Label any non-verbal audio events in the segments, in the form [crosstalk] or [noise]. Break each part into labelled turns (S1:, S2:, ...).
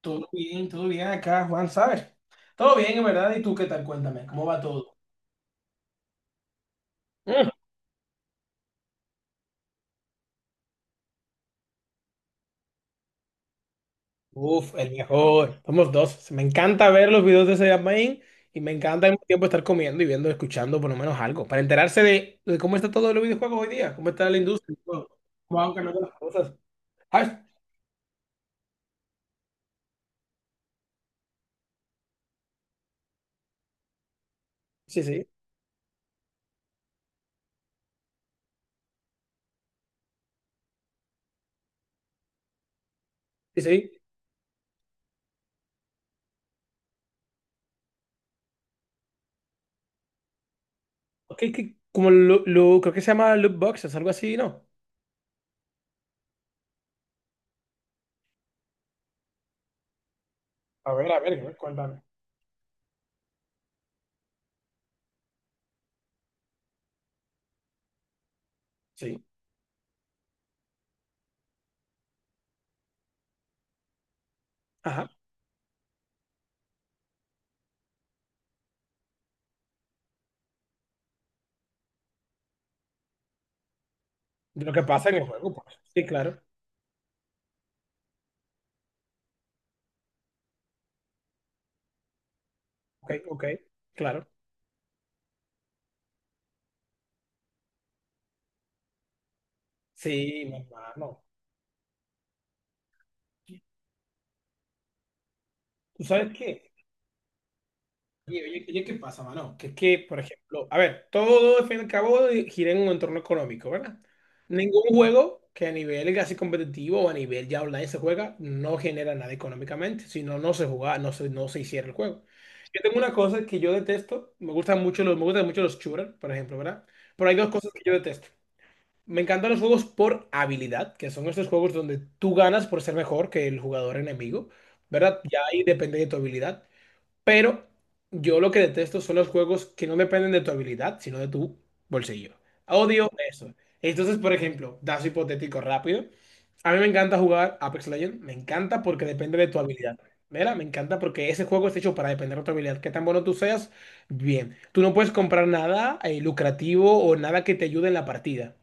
S1: Todo bien acá, Juan, ¿sabes? Todo bien, en verdad. ¿Y tú qué tal? Cuéntame, ¿cómo va todo? Mm, Uf, el mejor. Somos dos. Me encanta ver los videos de ese Main y me encanta al mismo tiempo estar comiendo y viendo, escuchando por lo menos algo, para enterarse de cómo está todo los videojuegos hoy día, cómo está la industria y todo. Juan, que no Las cosas. Ah, sí, sí, sí, sí. Ok, que- como lo, creo que se llama loot boxes, algo así, ¿no? A ver, a ver, a ver, cuéntame. Sí. Ajá. De lo que pasa en el juego, pues. Sí, claro. Ok, ok, claro. Sí, mi hermano. ¿Tú sabes qué? Oye, oye, oye, ¿qué pasa, mano? Que es que, por ejemplo, a ver, todo al fin y al cabo gira en un entorno económico, ¿verdad? Ningún juego que a nivel casi competitivo o a nivel ya online se juega no genera nada económicamente, si no, no se juega, no se, no se hiciera el juego. Yo tengo una cosa que yo detesto, me gustan mucho los, me gustan mucho los shooters, por ejemplo, ¿verdad? Pero hay dos cosas que yo detesto. Me encantan los juegos por habilidad, que son estos juegos donde tú ganas por ser mejor que el jugador enemigo, ¿verdad? Ya ahí depende de tu habilidad. Pero yo lo que detesto son los juegos que no dependen de tu habilidad, sino de tu bolsillo. Odio eso. Entonces, por ejemplo, dato hipotético rápido. A mí me encanta jugar Apex Legends, me encanta porque depende de tu habilidad. ¿Verdad? Me encanta porque ese juego está hecho para depender de tu habilidad. Qué tan bueno tú seas, bien. Tú no puedes comprar nada lucrativo o nada que te ayude en la partida.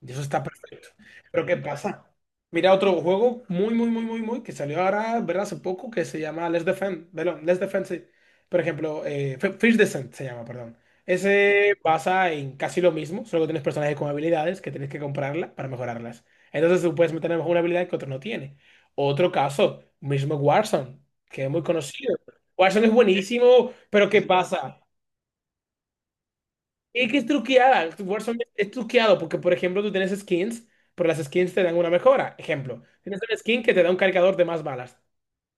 S1: Y eso está perfecto. Pero ¿qué pasa? Mira otro juego muy, muy, muy, muy, muy, que salió ahora, ¿verdad? Hace poco, que se llama Let's Defend. Perdón, Let's Defend, sí. Por ejemplo, Fish Descent se llama, perdón. Ese basa en casi lo mismo, solo que tienes personajes con habilidades que tienes que comprarla para mejorarlas. Entonces tú puedes meter a lo mejor una habilidad que otro no tiene. Otro caso, mismo Warzone, que es muy conocido. Warzone es buenísimo, pero ¿qué pasa? Y que es truqueada. Warzone es truqueado porque, por ejemplo, tú tienes skins, pero las skins te dan una mejora. Ejemplo, tienes una skin que te da un cargador de más balas.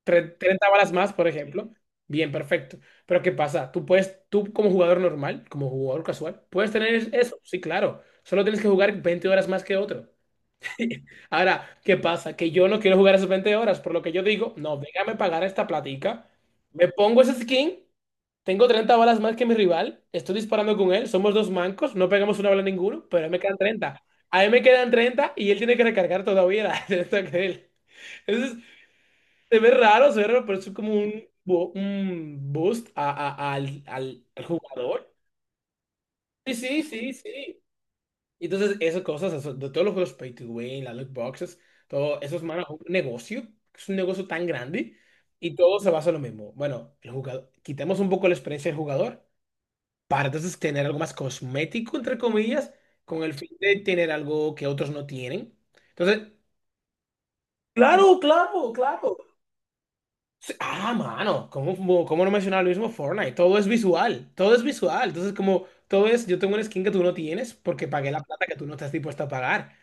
S1: 30 balas más, por ejemplo. Bien, perfecto. Pero ¿qué pasa? Tú puedes, tú como jugador normal, como jugador casual, puedes tener eso. Sí, claro. Solo tienes que jugar 20 horas más que otro. [laughs] Ahora, ¿qué pasa? Que yo no quiero jugar esas 20 horas, por lo que yo digo, no, déjame pagar esta platica, me pongo ese skin, tengo 30 balas más que mi rival, estoy disparando con él, somos dos mancos, no pegamos una bala ninguno, pero a él me quedan 30. A él me quedan 30 y él tiene que recargar todavía la [laughs] de esto que él. Entonces, se ve raro, pero es como un boost al al jugador. Sí, sí, sí, sí. Y entonces, esas cosas, eso- de todos los juegos pay to win, las loot boxes, todo eso es man, un negocio, es un negocio tan grande y todo se basa en lo mismo. Bueno, el jugador, quitemos un poco la experiencia del jugador para entonces tener algo más cosmético, entre comillas, con el fin de tener algo que otros no tienen. Entonces, claro, claro, claro. Sí, ah, mano, ¿cómo, cómo no mencionar lo mismo Fortnite? Todo es visual, todo es visual. Entonces, como todo es, yo tengo una skin que tú no tienes porque pagué la plata que tú no estás dispuesto a pagar.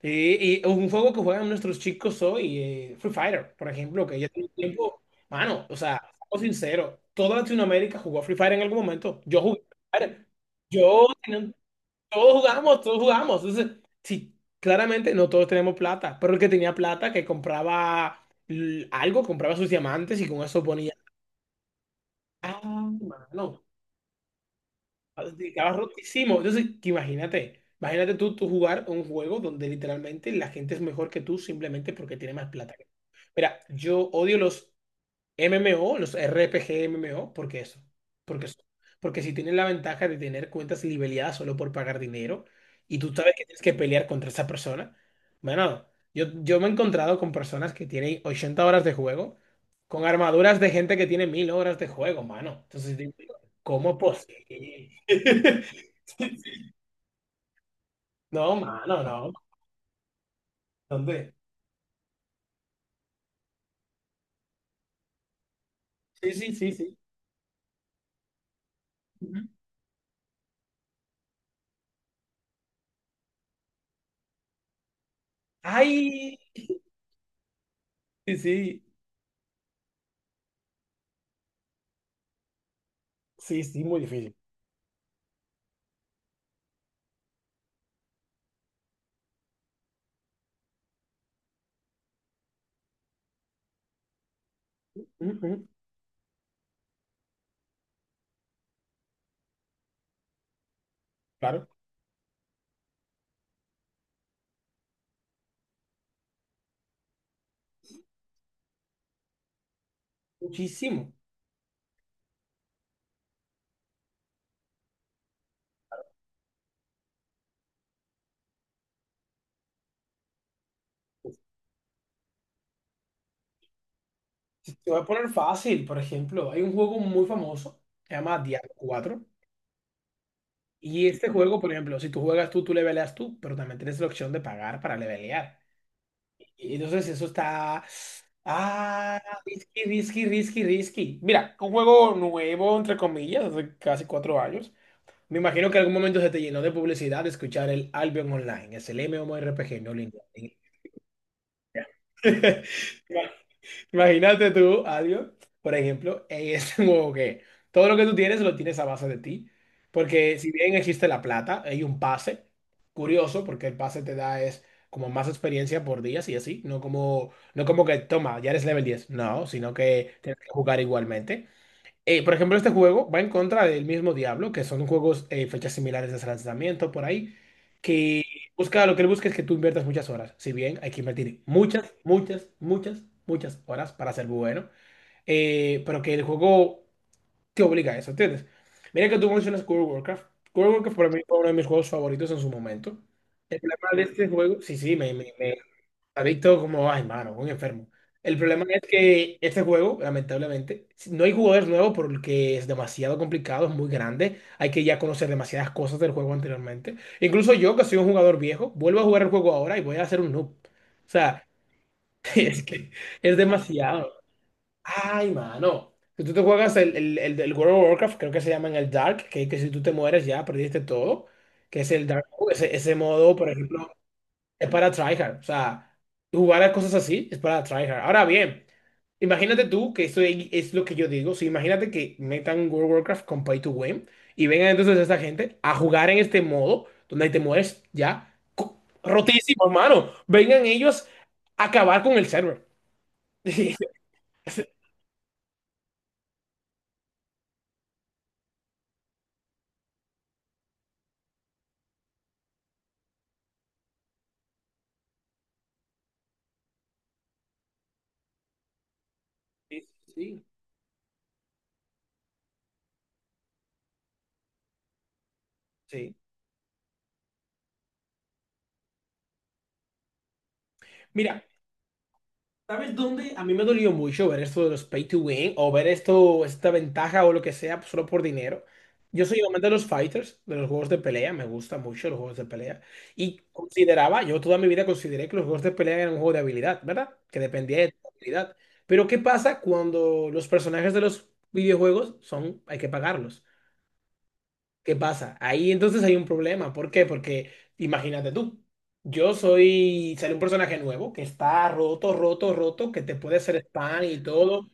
S1: Sí, y un juego que juegan nuestros chicos hoy, Free Fire, por ejemplo, que ya tiene tiempo, mano, o sea, siendo sincero, toda Latinoamérica jugó a Free Fire en algún momento. Yo jugué a Free Fire. Yo, tenía- todos jugamos, todos jugamos. Entonces, sí, claramente no todos tenemos plata, pero el que tenía plata, que compraba algo, compraba sus diamantes y con eso ponía. Ah, mano. Estaba rotísimo. Entonces, que imagínate, imagínate tú, tú jugar un juego donde literalmente la gente es mejor que tú simplemente porque tiene más plata. Mira, yo odio los MMO, los RPG MMO, ¿por qué eso? Porque, eso- porque si tienen la ventaja de tener cuentas libeleadas solo por pagar dinero y tú sabes que tienes que pelear contra esa persona, bueno, yo me he encontrado con personas que tienen 80 horas de juego con armaduras de gente que tiene 1000 horas de juego, mano. Entonces digo, ¿cómo es posible? [laughs] No, mano, no. ¿Dónde? Sí, sí, sí, sí. Ujú. Ay, sí, sí, sí, sí, muy difícil. Ujú, claro. Muchísimo. Si te voy a poner fácil, por ejemplo, hay un juego muy famoso, se llama Diablo 4, y este juego, por ejemplo, si tú juegas tú, tú leveleas tú, pero también tienes la opción de pagar para levelear. Y entonces eso está... Ah, risky, risky, risky, risky. Mira, un juego nuevo, entre comillas, hace casi 4 años. Me imagino que en algún momento se te llenó de publicidad de escuchar el Albion Online, es el MMORPG no lineal. [laughs] Imagínate tú, Adio, por ejemplo, en este [laughs] juego que todo lo que tú tienes lo tienes a base de ti. Porque si bien existe la plata, hay un pase. Curioso, porque el pase te da es como más experiencia por días y así. No como, no como que toma, ya eres level 10. No, sino que tienes que jugar igualmente. Por ejemplo, este juego va en contra del mismo Diablo, que son juegos fechas similares de su lanzamiento por ahí, que busca lo que él busca es que tú inviertas muchas horas. Si bien hay que invertir muchas, muchas, muchas, muchas horas para ser bueno, pero que el juego te obliga a eso, ¿entiendes? Mira que tú mencionas World of Warcraft. World of Warcraft para mí fue uno de mis juegos favoritos en su momento. El problema de este juego, sí, sí, Adicto como, ay, mano, un enfermo. El problema es que este juego, lamentablemente, si no hay jugadores nuevos porque es demasiado complicado, es muy grande. Hay que ya conocer demasiadas cosas del juego anteriormente. Incluso yo, que soy un jugador viejo, vuelvo a jugar el juego ahora y voy a hacer un noob. O sea, [laughs] es que es demasiado. Ay, mano. Si tú te juegas el World of Warcraft, creo que se llama en el Dark, que si tú te mueres ya perdiste todo, que es el Dark, Mode, ese modo, por ejemplo. Es para tryhard. O sea, jugar a cosas así es para tryhard. Ahora bien, imagínate tú que esto es lo que yo digo. Si imagínate que metan un World of Warcraft con Pay to Win y vengan entonces esta gente a jugar en este modo donde te mueres ya co- rotísimo, hermano. Vengan ellos a acabar con el server. [laughs] Sí, sí. Sí. Mira, ¿sabes dónde? A mí me dolió mucho ver esto de los pay to win o ver esto, esta ventaja o lo que sea pues, solo por dinero. Yo soy amante de los fighters, de los juegos de pelea, me gustan mucho los juegos de pelea. Y consideraba, yo toda mi vida consideré que los juegos de pelea eran un juego de habilidad, ¿verdad? Que dependía de tu habilidad. Pero ¿qué pasa cuando los personajes de los videojuegos son, hay que pagarlos? ¿Qué pasa? Ahí entonces hay un problema. ¿Por qué? Porque imagínate tú, yo soy, sale un personaje nuevo que está roto, roto, roto, que te puede hacer spam y todo,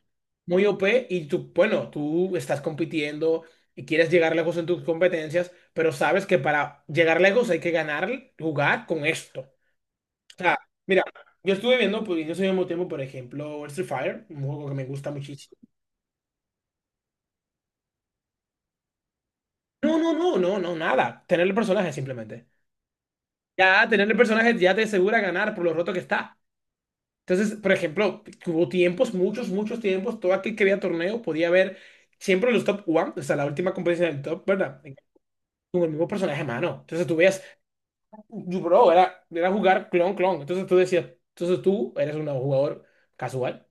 S1: muy OP, y tú, bueno, tú estás compitiendo y quieres llegar lejos en tus competencias, pero sabes que para llegar lejos hay que ganar, jugar con esto. O sea, mira, yo estuve viendo, pues, en ese mismo tiempo, por ejemplo, Street Fighter, un juego que me gusta muchísimo. No, no, no, no, no, nada. Tener el personaje simplemente. Ya tener el personaje ya te asegura ganar por lo roto que está. Entonces, por ejemplo, hubo tiempos, muchos, muchos tiempos, todo aquel que veía torneo podía ver siempre los top one, o sea, la última competencia del top, ¿verdad? Con el mismo personaje, mano. Entonces tú veías, bro, era, era jugar clon, clon. Entonces tú decías, entonces tú eres un jugador casual.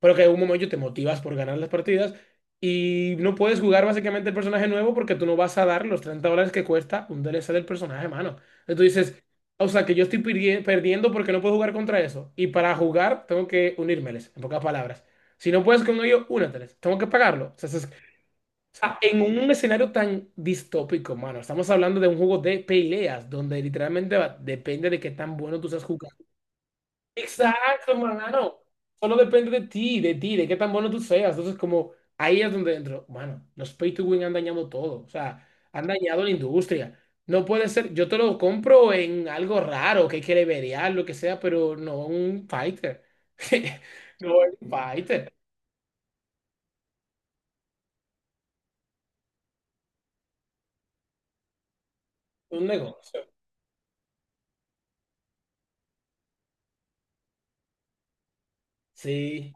S1: Pero que en un momento te motivas por ganar las partidas y no puedes jugar básicamente el personaje nuevo porque tú no vas a dar los $30 que cuesta un DLC del personaje, mano. Entonces tú dices, o sea, que yo estoy perdiendo porque no puedo jugar contra eso. Y para jugar tengo que unírmeles, en pocas palabras. Si no puedes con ellos, úneteles. Tengo que pagarlo. O sea, eso es- o sea, en un escenario tan distópico, mano, estamos hablando de un juego de peleas donde literalmente va- depende de qué tan bueno tú seas jugando. Exacto, hermano. Solo depende de ti, de ti, de qué tan bueno tú seas. Entonces, como ahí es donde entro. Mano. Los pay to win han dañado todo. O sea, han dañado la industria. No puede ser, yo te lo compro en algo raro, que hay que levelear, lo que sea, pero no un fighter. [laughs] No un fighter, un negocio. Sí.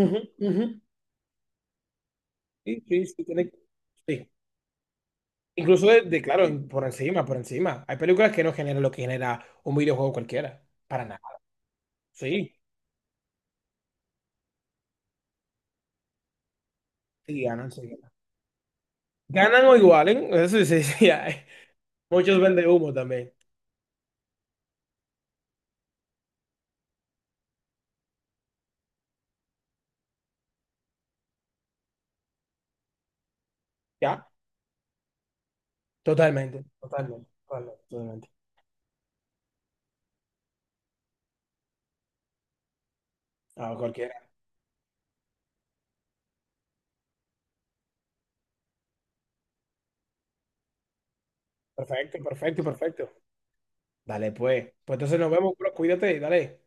S1: Ujú, ujú. Sí, sí, sí, tiene que- sí. Incluso claro, en- por encima, por encima. Hay películas que no generan lo que genera un videojuego cualquiera. Para nada. Sí. Sí, ganan, sí. Ganan. Ganan o igualen, eso sí, [laughs] sí, sí, hay. Muchos venden humo también. ¿Ya? Totalmente, totalmente, totalmente. Totalmente. Ah, cualquiera. Perfecto, perfecto, perfecto. Dale, pues. Pues entonces nos vemos, bro. Cuídate y dale.